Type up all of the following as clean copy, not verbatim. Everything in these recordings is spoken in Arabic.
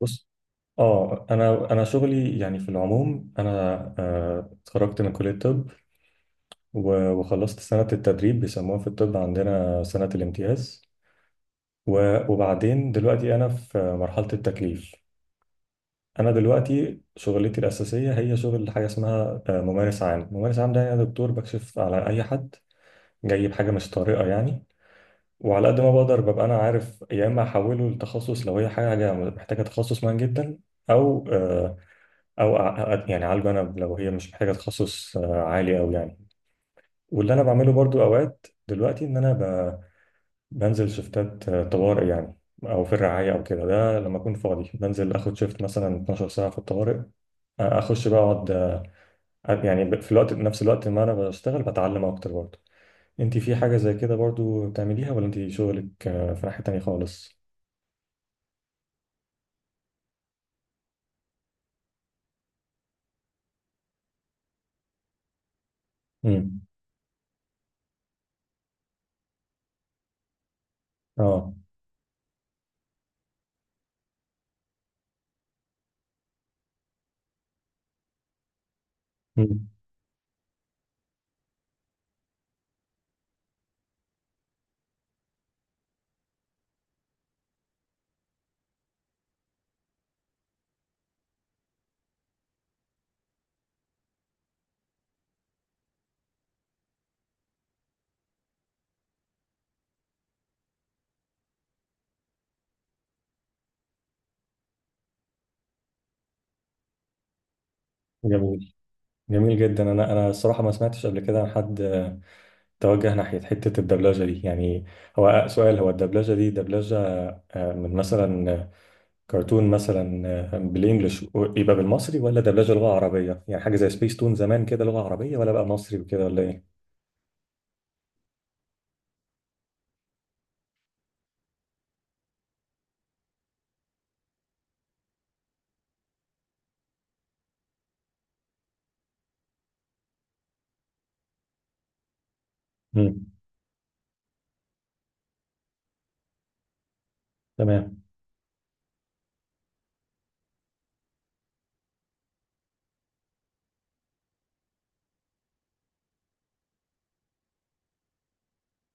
بص، اه انا شغلي يعني في العموم انا اتخرجت من كليه الطب. وخلصت سنه التدريب بيسموها في الطب عندنا سنه الامتياز. وبعدين دلوقتي انا في مرحله التكليف. انا دلوقتي شغلتي الاساسيه هي شغل حاجه اسمها ممارس عام. ممارس عام ده انا دكتور بكشف على اي حد جاي بحاجه مش طارئه يعني. وعلى قد ما بقدر ببقى انا عارف يا اما احوله لتخصص لو هي حاجه محتاجه تخصص مهم جدا او آه، او يعني اعالجه انا لو هي مش محتاجه تخصص عالي او يعني. واللي انا بعمله برضو اوقات دلوقتي ان انا بنزل شفتات طوارئ يعني. او في الرعايه او كده ده لما اكون فاضي بنزل اخد شفت مثلا 12 ساعه في الطوارئ اخش بقى اقعد. يعني ب- في الوقت نفس الوقت ما انا بشتغل بتعلم اكتر برضو. انت في حاجه زي كده برضو بتعمليها ولا انت شغلك في ناحيه تانيه خالص؟ امم. اه. مم. جميل. جميل جدا، انا الصراحه ما سمعتش قبل كده عن حد توجه ناحية حتة الدبلجة دي يعني. هو سؤال، هو الدبلجة دي دبلجة من مثلا كرتون مثلا بالإنجلش يبقى بالمصري، ولا دبلجة لغة عربية يعني حاجة زي سبيس تون زمان كده لغة عربية، ولا بقى مصري وكده ولا إيه؟ مم. تمام.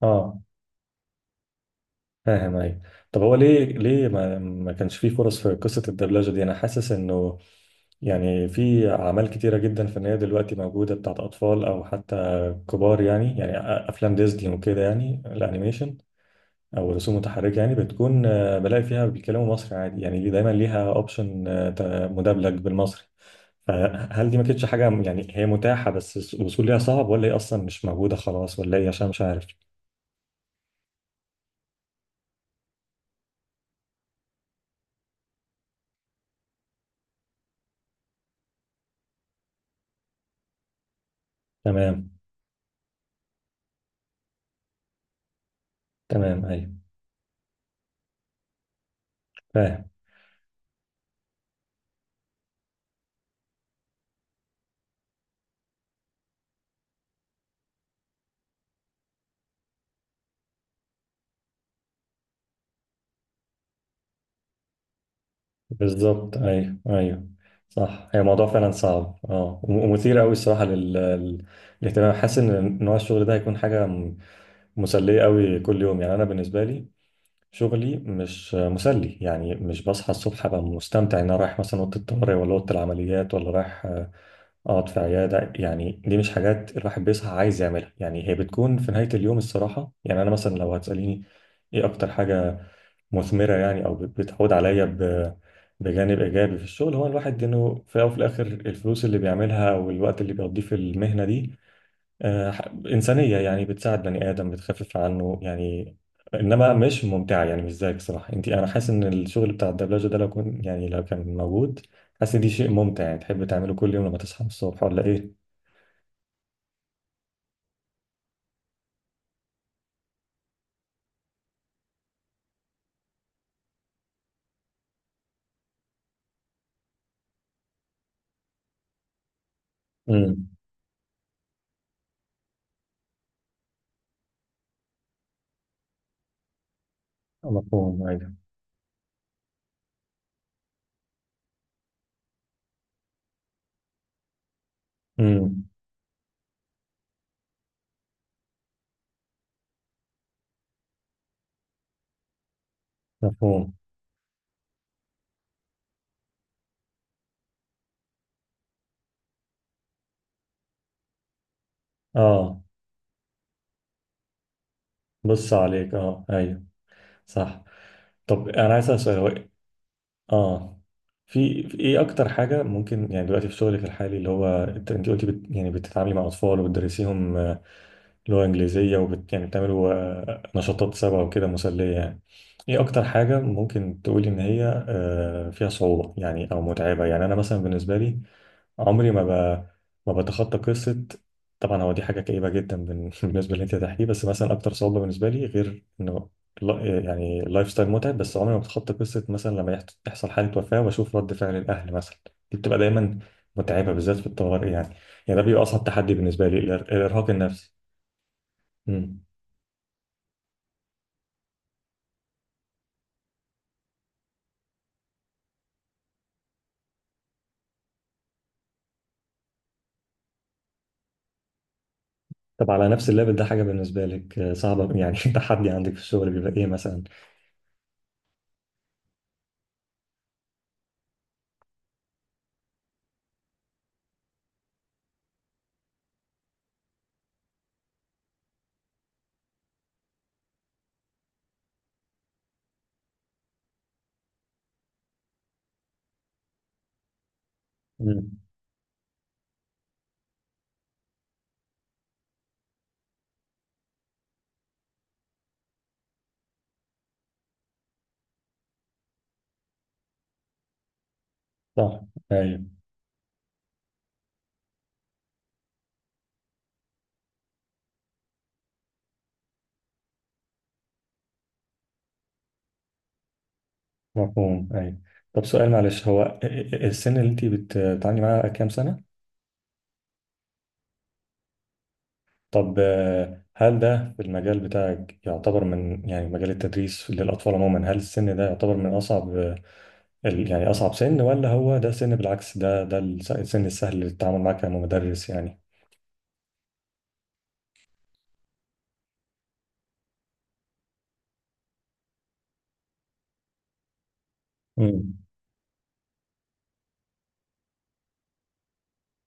اه، فاهم. أيوة. طب هو ليه ما كانش فيه فرص في قصة الدبلجة دي؟ أنا حاسس إنه يعني في أعمال كتيرة جدا فنية دلوقتي موجودة بتاعت أطفال أو حتى كبار، يعني أفلام ديزني وكده، يعني الأنيميشن او رسوم متحركه، يعني بتكون بلاقي فيها بيتكلموا مصري عادي، يعني دايما ليها اوبشن مدبلج بالمصري. فهل دي ما كانتش حاجه، يعني هي متاحه بس الوصول ليها صعب، ولا هي اصلا مش موجوده خلاص، ولا ايه؟ عشان مش عارف. تمام. تمام. ايوه، فاهم. بالظبط. ايوه، ايوه، صح. هي موضوع فعلا صعب ومثير قوي الصراحه للاهتمام. حاسس ان نوع الشغل ده هيكون حاجه مسليه قوي كل يوم. يعني انا بالنسبه لي شغلي مش مسلي، يعني مش بصحى الصبح ابقى مستمتع ان انا رايح مثلا اوضه الطوارئ ولا اوضه العمليات ولا رايح اقعد في عياده. يعني دي مش حاجات الواحد بيصحى عايز يعملها. يعني هي بتكون في نهايه اليوم الصراحه. يعني انا مثلا لو هتساليني ايه اكتر حاجه مثمره، يعني او بتعود عليا بجانب ايجابي في الشغل، هو الواحد انه في الاول وفي الاخر الفلوس اللي بيعملها والوقت اللي بيقضيه في المهنه دي إنسانية، يعني بتساعد بني آدم بتخفف عنه يعني. إنما مش ممتعة، يعني مش زيك صراحة. أنت أنا حاسس إن الشغل بتاع الدبلجة ده لو كان موجود حاسس إن دي شيء ممتع، يعني تحب تعمله كل يوم لما تصحى من الصبح ولا إيه؟ امم. مفهوم. أيوه. امم. مفهوم. آه. بص عليك. آه، أيوه، صح. طب أنا عايز أسأل سؤال، هو اه في ايه اكتر حاجه ممكن يعني دلوقتي في شغلك الحالي اللي هو انت قلتي يعني بتتعاملي مع اطفال وبتدرسيهم لغه انجليزيه يعني بتعملوا نشاطات سوا وكده مسليه يعني. ايه اكتر حاجه ممكن تقولي ان هي فيها صعوبه، يعني او متعبه؟ يعني انا مثلا بالنسبه لي عمري ما بتخطى قصه. طبعا هو دي حاجه كئيبه جدا بالنسبه اللي انت هتحكيه، بس مثلا اكتر صعوبه بالنسبه لي غير انه يعني اللايف ستايل متعب، بس عمري ما بتخطى قصه مثلا لما يحصل حاله وفاه واشوف رد فعل الاهل مثلا. دي بتبقى دايما متعبه بالذات في الطوارئ. يعني ده بيبقى اصعب تحدي بالنسبه لي، الارهاق النفسي. مم. طب على نفس الليفل ده حاجه بالنسبه لك صعبه، يعني تحدي عندك في الشغل بيبقى ايه مثلا؟ مم. صح. ايوه. مفهوم. طب سؤال معلش، هو السن اللي أنت بتتعاملي معاه كام سنة؟ طب هل ده في المجال بتاعك يعتبر من يعني مجال التدريس للأطفال عموما، هل السن ده يعتبر من أصعب يعني أصعب سن، ولا هو ده سن بالعكس؟ ده السن السهل للتعامل معاه كمدرس يعني؟ امم.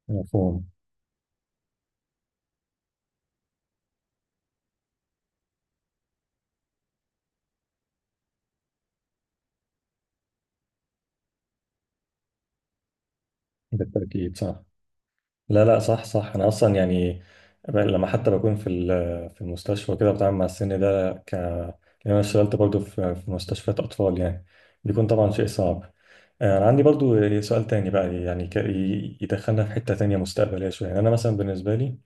مفهوم. بالتأكيد، صح. لا، لا، صح، صح، انا اصلا يعني لما حتى بكون في المستشفى كده بتعامل مع السن ده لأن انا اشتغلت برضو في مستشفيات اطفال يعني بيكون طبعا شيء صعب. انا عندي برضو سؤال تاني بقى، يعني يدخلنا في حتة تانية مستقبلية شوية. يعني انا مثلا بالنسبة لي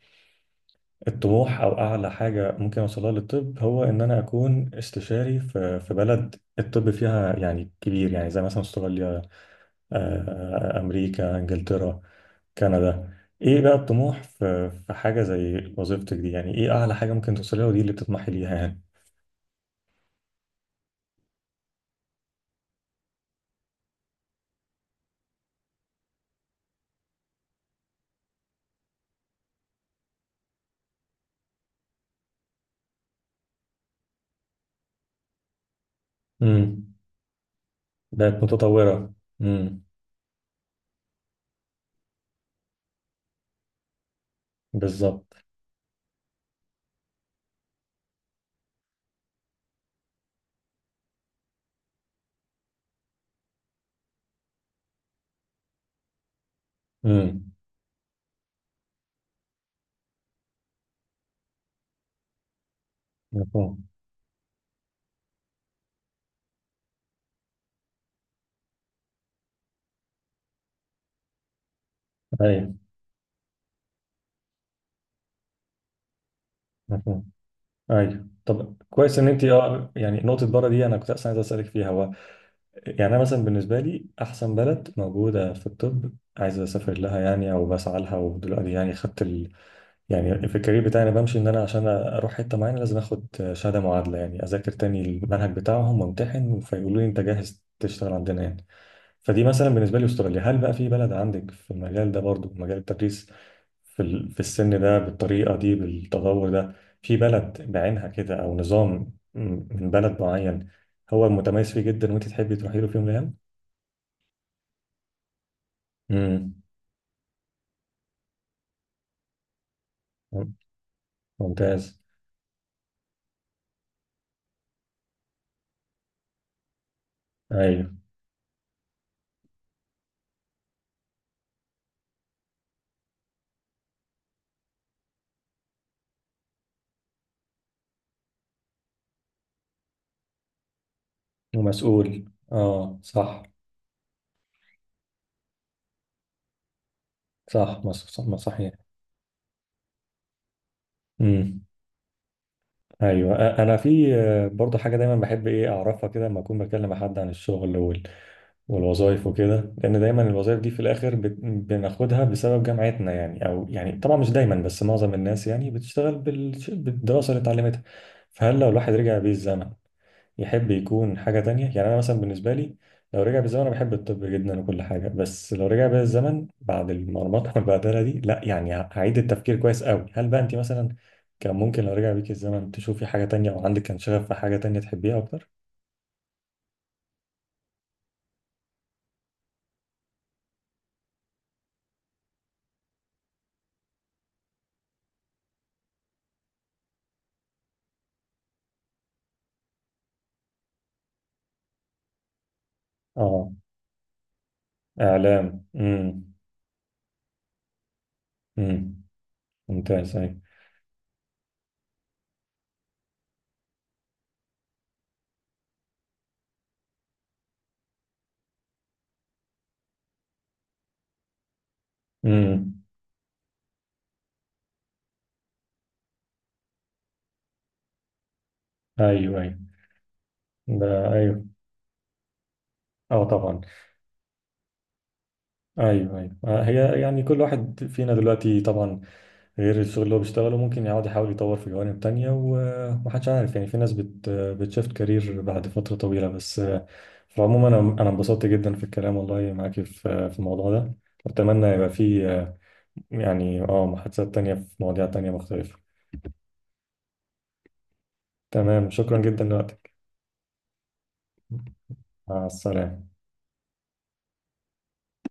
الطموح او اعلى حاجة ممكن اوصلها للطب هو ان انا اكون استشاري في بلد الطب فيها يعني كبير، يعني زي مثلا استراليا، آه، امريكا، انجلترا، كندا. ايه بقى الطموح في حاجة زي وظيفتك دي؟ يعني ايه اعلى حاجة ممكن توصليها ودي اللي بتطمحي ليها يعني؟ امم. بقت متطورة. امم. بالظبط. امم. مفهوم. ايوه، مفهوم. ايوه، طب كويس ان انت يعني نقطة بره دي انا كنت اصلا عايز اسالك فيها، هو يعني انا مثلا بالنسبة لي احسن بلد موجودة في الطب عايز اسافر لها، يعني او بسعى لها، ودلوقتي يعني خدت يعني في الكارير بتاعي انا بمشي ان انا عشان اروح حته معينه لازم اخد شهاده معادله، يعني اذاكر تاني المنهج بتاعهم وامتحن فيقولوا لي انت جاهز تشتغل عندنا يعني. فدي مثلا بالنسبه لي استراليا. هل بقى في بلد عندك في المجال ده برضو، مجال التدريس في السن ده بالطريقه دي بالتطور ده، في بلد بعينها كده او نظام من بلد معين هو متميز فيه جدا وانت تحبي تروحي له في يوم من الايام؟ امم. ممتاز. ايوه، ومسؤول، اه، صح. صح، صح، صحيح. ايوه، انا في برضه حاجه دايما بحب ايه اعرفها كده لما اكون بكلم حد عن الشغل والوظائف وكده، لان دايما الوظائف دي في الاخر بناخدها بسبب جامعتنا يعني او يعني طبعا مش دايما، بس معظم الناس يعني بتشتغل بالدراسه اللي اتعلمتها. فهل لو الواحد رجع بيه الزمن يحب يكون حاجة تانية؟ يعني أنا مثلا بالنسبة لي لو رجع بالزمن، أنا بحب الطب جدا وكل حاجة، بس لو رجع بيا الزمن بعد المرمطة والبهدلة دي، لا يعني هعيد التفكير كويس قوي. هل بقى أنت مثلا كان ممكن لو رجع بيك الزمن تشوفي حاجة تانية، أو عندك كان شغف في حاجة تانية تحبيها أكتر؟ آه. إعلام. أمم. أمم. ممتاز. أيوه. أمم. أيوه. أيوه، ده أيوه. أه، طبعا. أيوه، أيوه، هي يعني كل واحد فينا دلوقتي طبعا غير الشغل اللي هو بيشتغله ممكن يقعد يحاول يطور في جوانب تانية ومحدش عارف، يعني في ناس بتشفت كارير بعد فترة طويلة، بس في العموم أنا انبسطت جدا في الكلام والله معاكي في الموضوع ده. وأتمنى يبقى في يعني محادثات تانية في مواضيع تانية مختلفة. تمام. شكرا جدا لوقتك. مع السلامة.